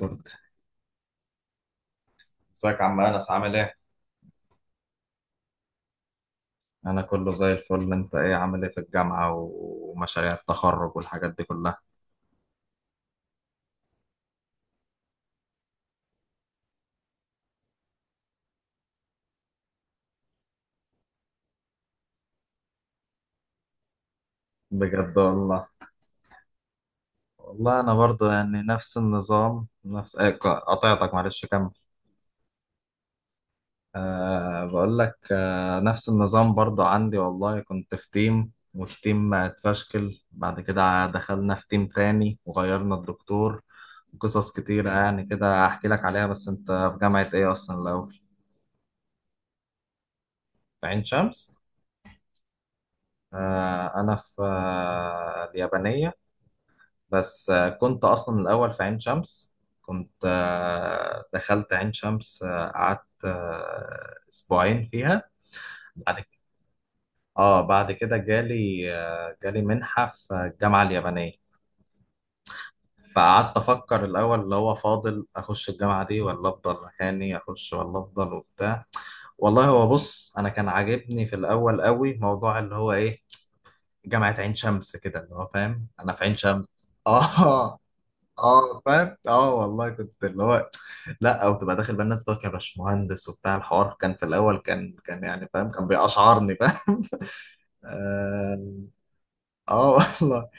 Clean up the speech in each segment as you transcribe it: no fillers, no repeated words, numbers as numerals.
كنت ازيك يا عم انس، عامل ايه؟ انا كله زي الفل. انت ايه، عامل ايه في الجامعة ومشاريع التخرج والحاجات دي كلها؟ بجد والله. والله انا برضو يعني نفس النظام، نفس ايه. قطعتك، معلش كمل. بقول لك، نفس النظام برضو عندي والله، كنت في تيم والتيم اتفشكل، بعد كده دخلنا في تيم تاني وغيرنا الدكتور. قصص كتيرة يعني كده، احكي لك عليها. بس انت في جامعة ايه اصلا الاول؟ في عين شمس؟ أنا في اليابانية. بس كنت أصلا الأول في عين شمس. كنت دخلت عين شمس، قعدت أسبوعين فيها بعد كده. بعد كده جالي جالي منحة في الجامعة اليابانية. فقعدت أفكر الأول، اللي هو فاضل أخش الجامعة دي ولا أفضل مكاني، أخش ولا أفضل وبتاع. والله هو بص، أنا كان عاجبني في الأول قوي موضوع اللي هو إيه، جامعة عين شمس كده، اللي هو فاهم، أنا في عين شمس. آه. اه فاهم، اه والله كنت اللي هو لا، او تبقى داخل بقى الناس بتوع، كان باشمهندس وبتاع الحوار، كان في الاول، كان يعني فاهم، كان بيقشعرني فاهم. اه. آه والله.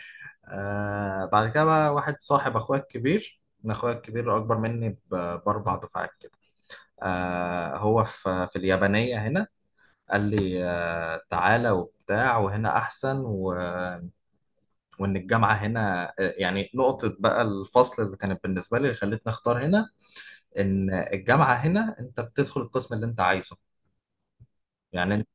آه بعد كده بقى واحد صاحب اخويا الكبير، انا اخويا الكبير اكبر مني باربع دفعات كده. آه هو في اليابانيه هنا. قال لي آه تعالى وبتاع، وهنا احسن و... وان الجامعه هنا يعني نقطه بقى الفصل اللي كانت بالنسبه لي، اللي خلتني اختار هنا، ان الجامعه هنا انت بتدخل القسم اللي انت عايزه. يعني انت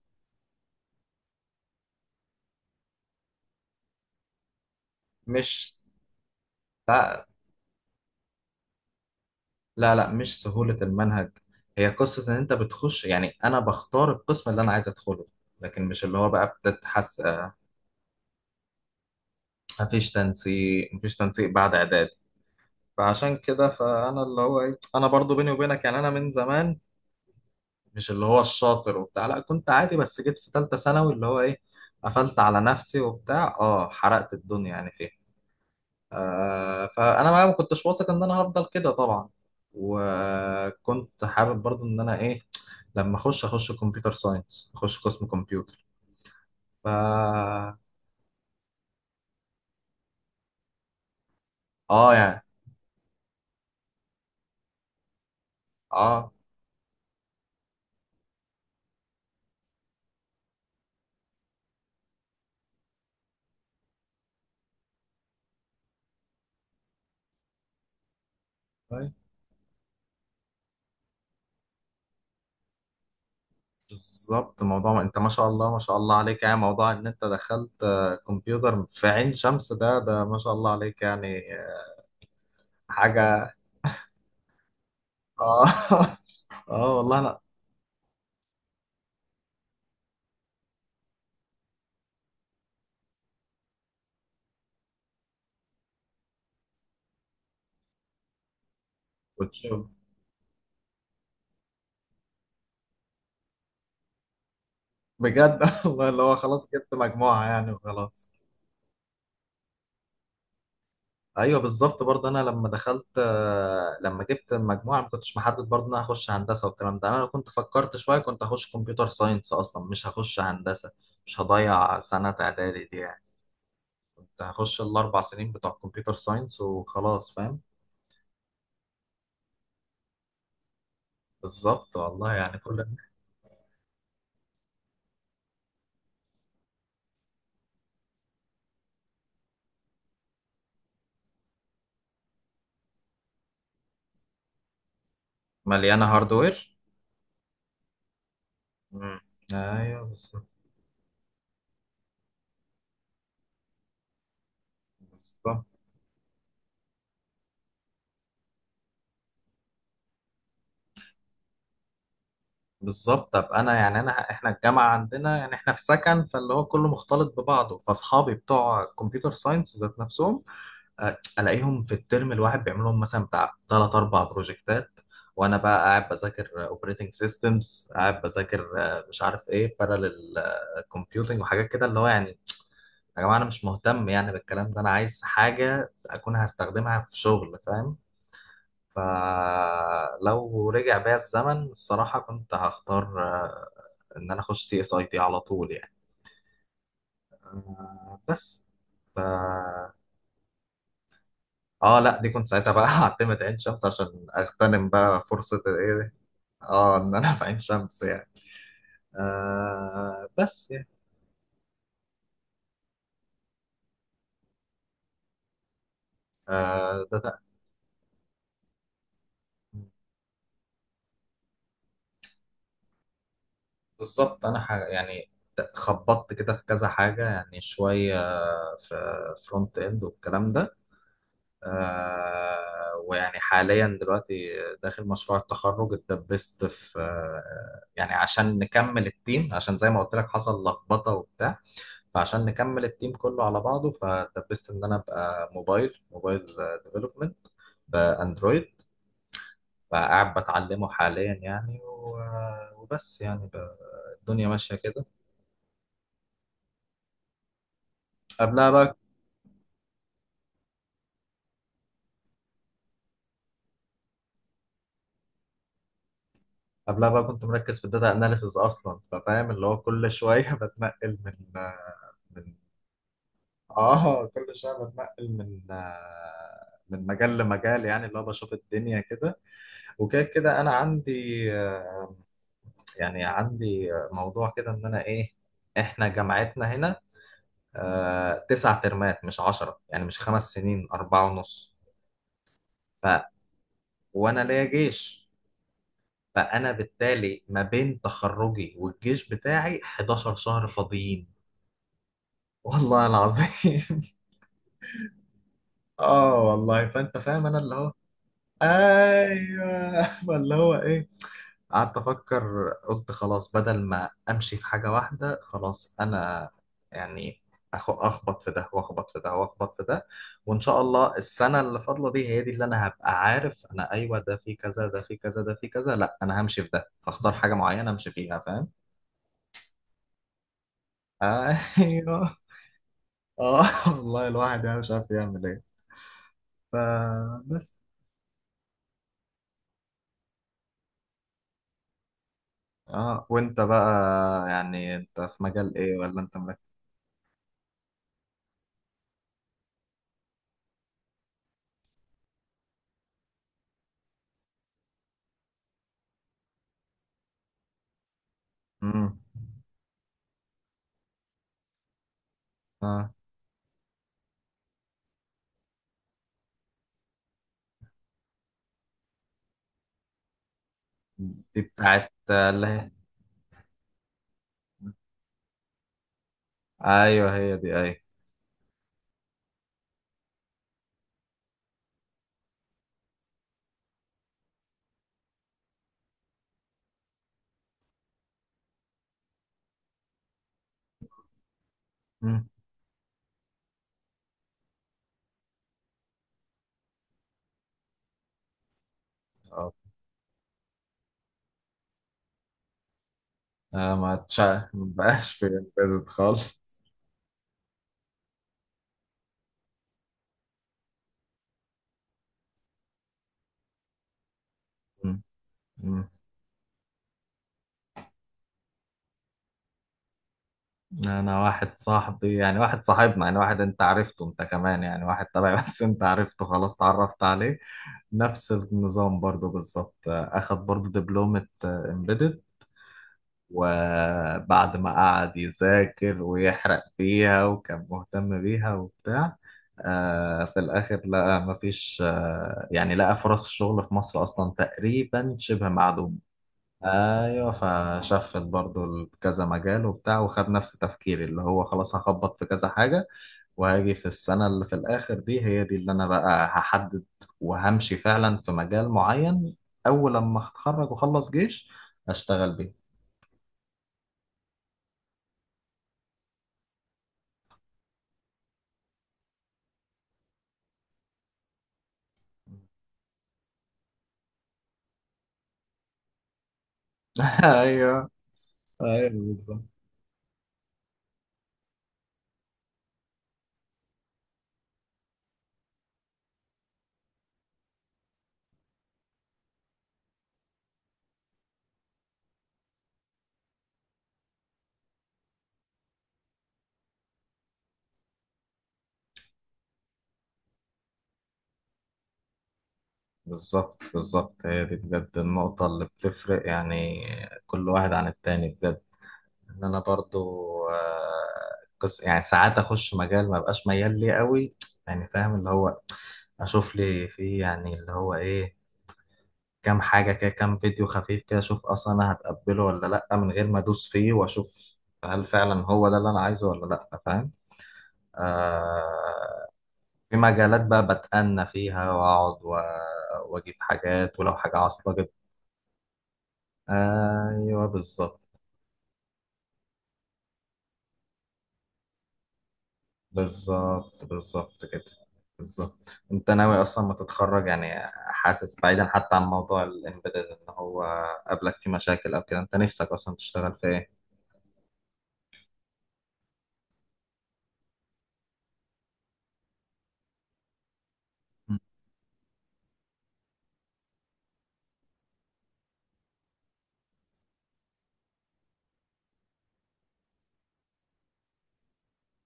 مش... لا لا لا، مش سهوله المنهج، هي قصه ان انت بتخش، يعني انا بختار القسم اللي انا عايز ادخله، لكن مش اللي هو بقى بتتحس مفيش تنسيق، مفيش تنسيق بعد اعداد. فعشان كده فانا اللي هو ايه، انا برضو بيني وبينك يعني، انا من زمان مش اللي هو الشاطر وبتاع لا، كنت عادي، بس جيت في ثالثه ثانوي اللي هو ايه قفلت على نفسي وبتاع، اه حرقت الدنيا يعني فيها. فانا بقى ما كنتش واثق ان انا هفضل كده طبعا. وكنت حابب برضو ان انا ايه، لما اخش اخش كمبيوتر ساينس، اخش قسم كمبيوتر. ف اه يعني اه. طيب. بالظبط موضوع، ما انت ما شاء الله ما شاء الله عليك يعني، موضوع ان انت دخلت كمبيوتر في عين شمس، ده ما شاء الله عليك يعني حاجة. اه. اه والله انا كنت. بجد والله اللي هو خلاص جبت مجموعة يعني وخلاص. ايوه بالظبط برضه، انا لما دخلت لما جبت المجموعه ما كنتش محدد برضه ان انا هخش هندسه والكلام ده. انا لو كنت فكرت شويه كنت هخش كمبيوتر ساينس اصلا، مش هخش هندسه. مش هضيع سنه اعدادي دي يعني. كنت هخش الاربع سنين بتوع كمبيوتر ساينس وخلاص فاهم. بالظبط والله يعني كل... مليانه هاردوير. مم. ايوه بالظبط. بالظبط. بالظبط طب انا يعني، انا احنا الجامعه عندنا يعني، احنا في سكن فاللي هو كله مختلط ببعضه. فاصحابي بتوع كمبيوتر ساينس ذات نفسهم الاقيهم في الترم الواحد بيعملوا لهم مثلا بتاع ثلاث اربع بروجكتات، وانا بقى قاعد بذاكر اوبريتنج سيستمز، قاعد بذاكر مش عارف ايه، بارالل كومبيوتنج وحاجات كده اللي هو يعني يا جماعه، انا مش مهتم يعني بالكلام ده، انا عايز حاجه اكون هستخدمها في شغل فاهم. فلو رجع بيا الزمن الصراحه كنت هختار ان انا اخش سي اس اي تي على طول يعني. بس ف اه. لا دي كنت ساعتها بقى هعتمد عين شمس عشان اغتنم بقى فرصة الايه دي؟ اه ان انا في عين شمس يعني. بس يعني. ده بالظبط. انا حاجة يعني خبطت كده في كذا حاجة يعني، شوية في فرونت اند والكلام ده. آه ويعني حاليا دلوقتي داخل مشروع التخرج، اتدبست في آه يعني عشان نكمل التيم، عشان زي ما قلت لك حصل لخبطة وبتاع. فعشان نكمل التيم كله على بعضه فدبست ان انا ابقى موبايل موبايل ديفلوبمنت، باندرويد. فقاعد بتعلمه حاليا يعني، و- وبس يعني ب- الدنيا ماشيه كده. قبلها بقى. قبلها بقى كنت مركز في الداتا اناليسز اصلا، ففاهم اللي هو كل شويه بتنقل من من. اه كل شويه بتنقل من من مجال لمجال يعني اللي هو بشوف الدنيا كده، وكده كده انا عندي يعني عندي موضوع كده ان انا ايه، احنا جامعتنا هنا تسع ترمات مش عشرة يعني، مش خمس سنين، اربعة ونص. ف وانا ليا جيش، فانا بالتالي ما بين تخرجي والجيش بتاعي 11 شهر فاضيين. والله العظيم. اه والله فانت فاهم انا اللي هو. ايوه اللي هو ايه قعدت أفكر قلت خلاص بدل ما أمشي في حاجة واحدة خلاص أنا يعني أخبط في ده وأخبط في ده وأخبط في ده، وإن شاء الله السنة اللي فاضلة دي هي دي اللي أنا هبقى عارف، أنا أيوه ده في كذا، ده في كذا، ده في كذا، لأ أنا همشي في ده، هختار حاجة معينة أمشي فيها فاهم؟ أيوه. آه والله الواحد يعني مش عارف يعمل إيه. فبس. آه وأنت بقى يعني أنت في مجال إيه ولا أنت مركز؟ مم. آه دي بتاعت اللي هي. ايوه هي دي ايوه. مم. اه. ما تشع مبقاش في امبيدد خالص. مم. مم. انا واحد صاحبي يعني، واحد صاحبنا يعني، واحد انت عرفته انت كمان يعني، واحد تبعي بس انت عرفته خلاص، اتعرفت عليه. نفس النظام برضو بالظبط، اخد برضو دبلومة امبيدد، وبعد ما قعد يذاكر ويحرق فيها وكان مهتم بيها وبتاع، آه في الآخر لقى مفيش آه يعني لقى فرص الشغل في مصر أصلا تقريبا شبه معدومة. أيوه. فشفت برضو كذا مجال وبتاع، وخد نفس تفكيري اللي هو خلاص هخبط في كذا حاجة، وهاجي في السنة اللي في الآخر دي هي دي اللي أنا بقى هحدد، وهمشي فعلا في مجال معين أول لما أتخرج وأخلص جيش، أشتغل بيه. أيوه. ايوه بالظبط. بالظبط. بالظبط هي دي بجد النقطة اللي بتفرق يعني كل واحد عن التاني بجد، إن أنا برضو قص يعني ساعات أخش مجال ما بقاش ميال ليه قوي يعني فاهم اللي هو، أشوف لي فيه يعني اللي هو إيه كام حاجة كده، كام فيديو خفيف كده، أشوف أصلا أنا هتقبله ولا لأ من غير ما أدوس فيه وأشوف، هل فعلا هو ده اللي أنا عايزه ولا لأ فاهم. آه في مجالات بقى بتأنى فيها وأقعد وأجيب حاجات ولو حاجة عاصلة أجيب. أيوه بالظبط. بالظبط. بالظبط كده. بالظبط. أنت ناوي أصلا ما تتخرج يعني، حاسس بعيدا حتى عن موضوع الإمبيدد إن هو قابلك فيه مشاكل أو كده، أنت نفسك أصلا تشتغل في إيه؟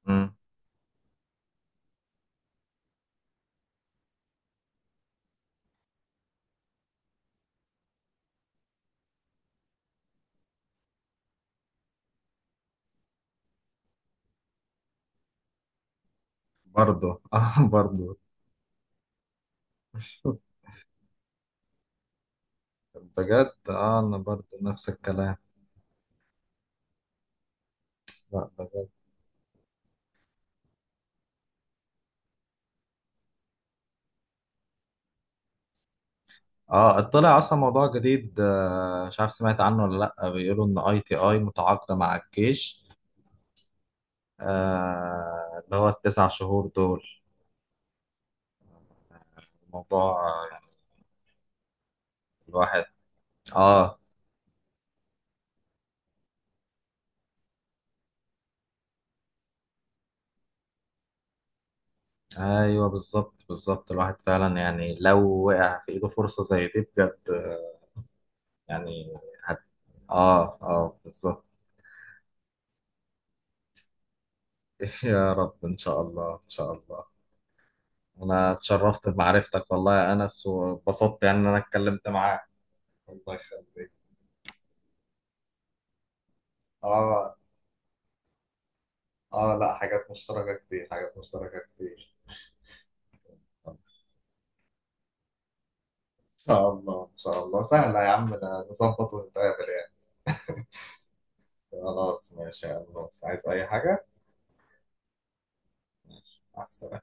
امم. برضه. آه برضه. بجد آه أنا برضه نفس الكلام. لا. اه طلع اصلا موضوع جديد مش عارف سمعت عنه ولا لا، بيقولوا ان اي تي اي متعاقده مع الجيش. اللي هو التسع شهور دول الموضوع يعني الواحد. اه. ايوه بالظبط. بالظبط الواحد فعلا يعني لو وقع في ايده فرصه زي دي بجد يعني هت... اه اه بالظبط. يا رب ان شاء الله ان شاء الله. انا اتشرفت بمعرفتك والله يا انس، واتبسطت يعني ان انا اتكلمت معاك. الله يخليك. اه اه لا، حاجات مشتركة كتير، حاجات مشتركة كتير. ان شاء الله، ان شاء الله، سهلة يا عم، ده نظبط ونتقابل يعني. خلاص ماشي يا عم، عايز اي حاجة؟ ماشي، مع السلامة.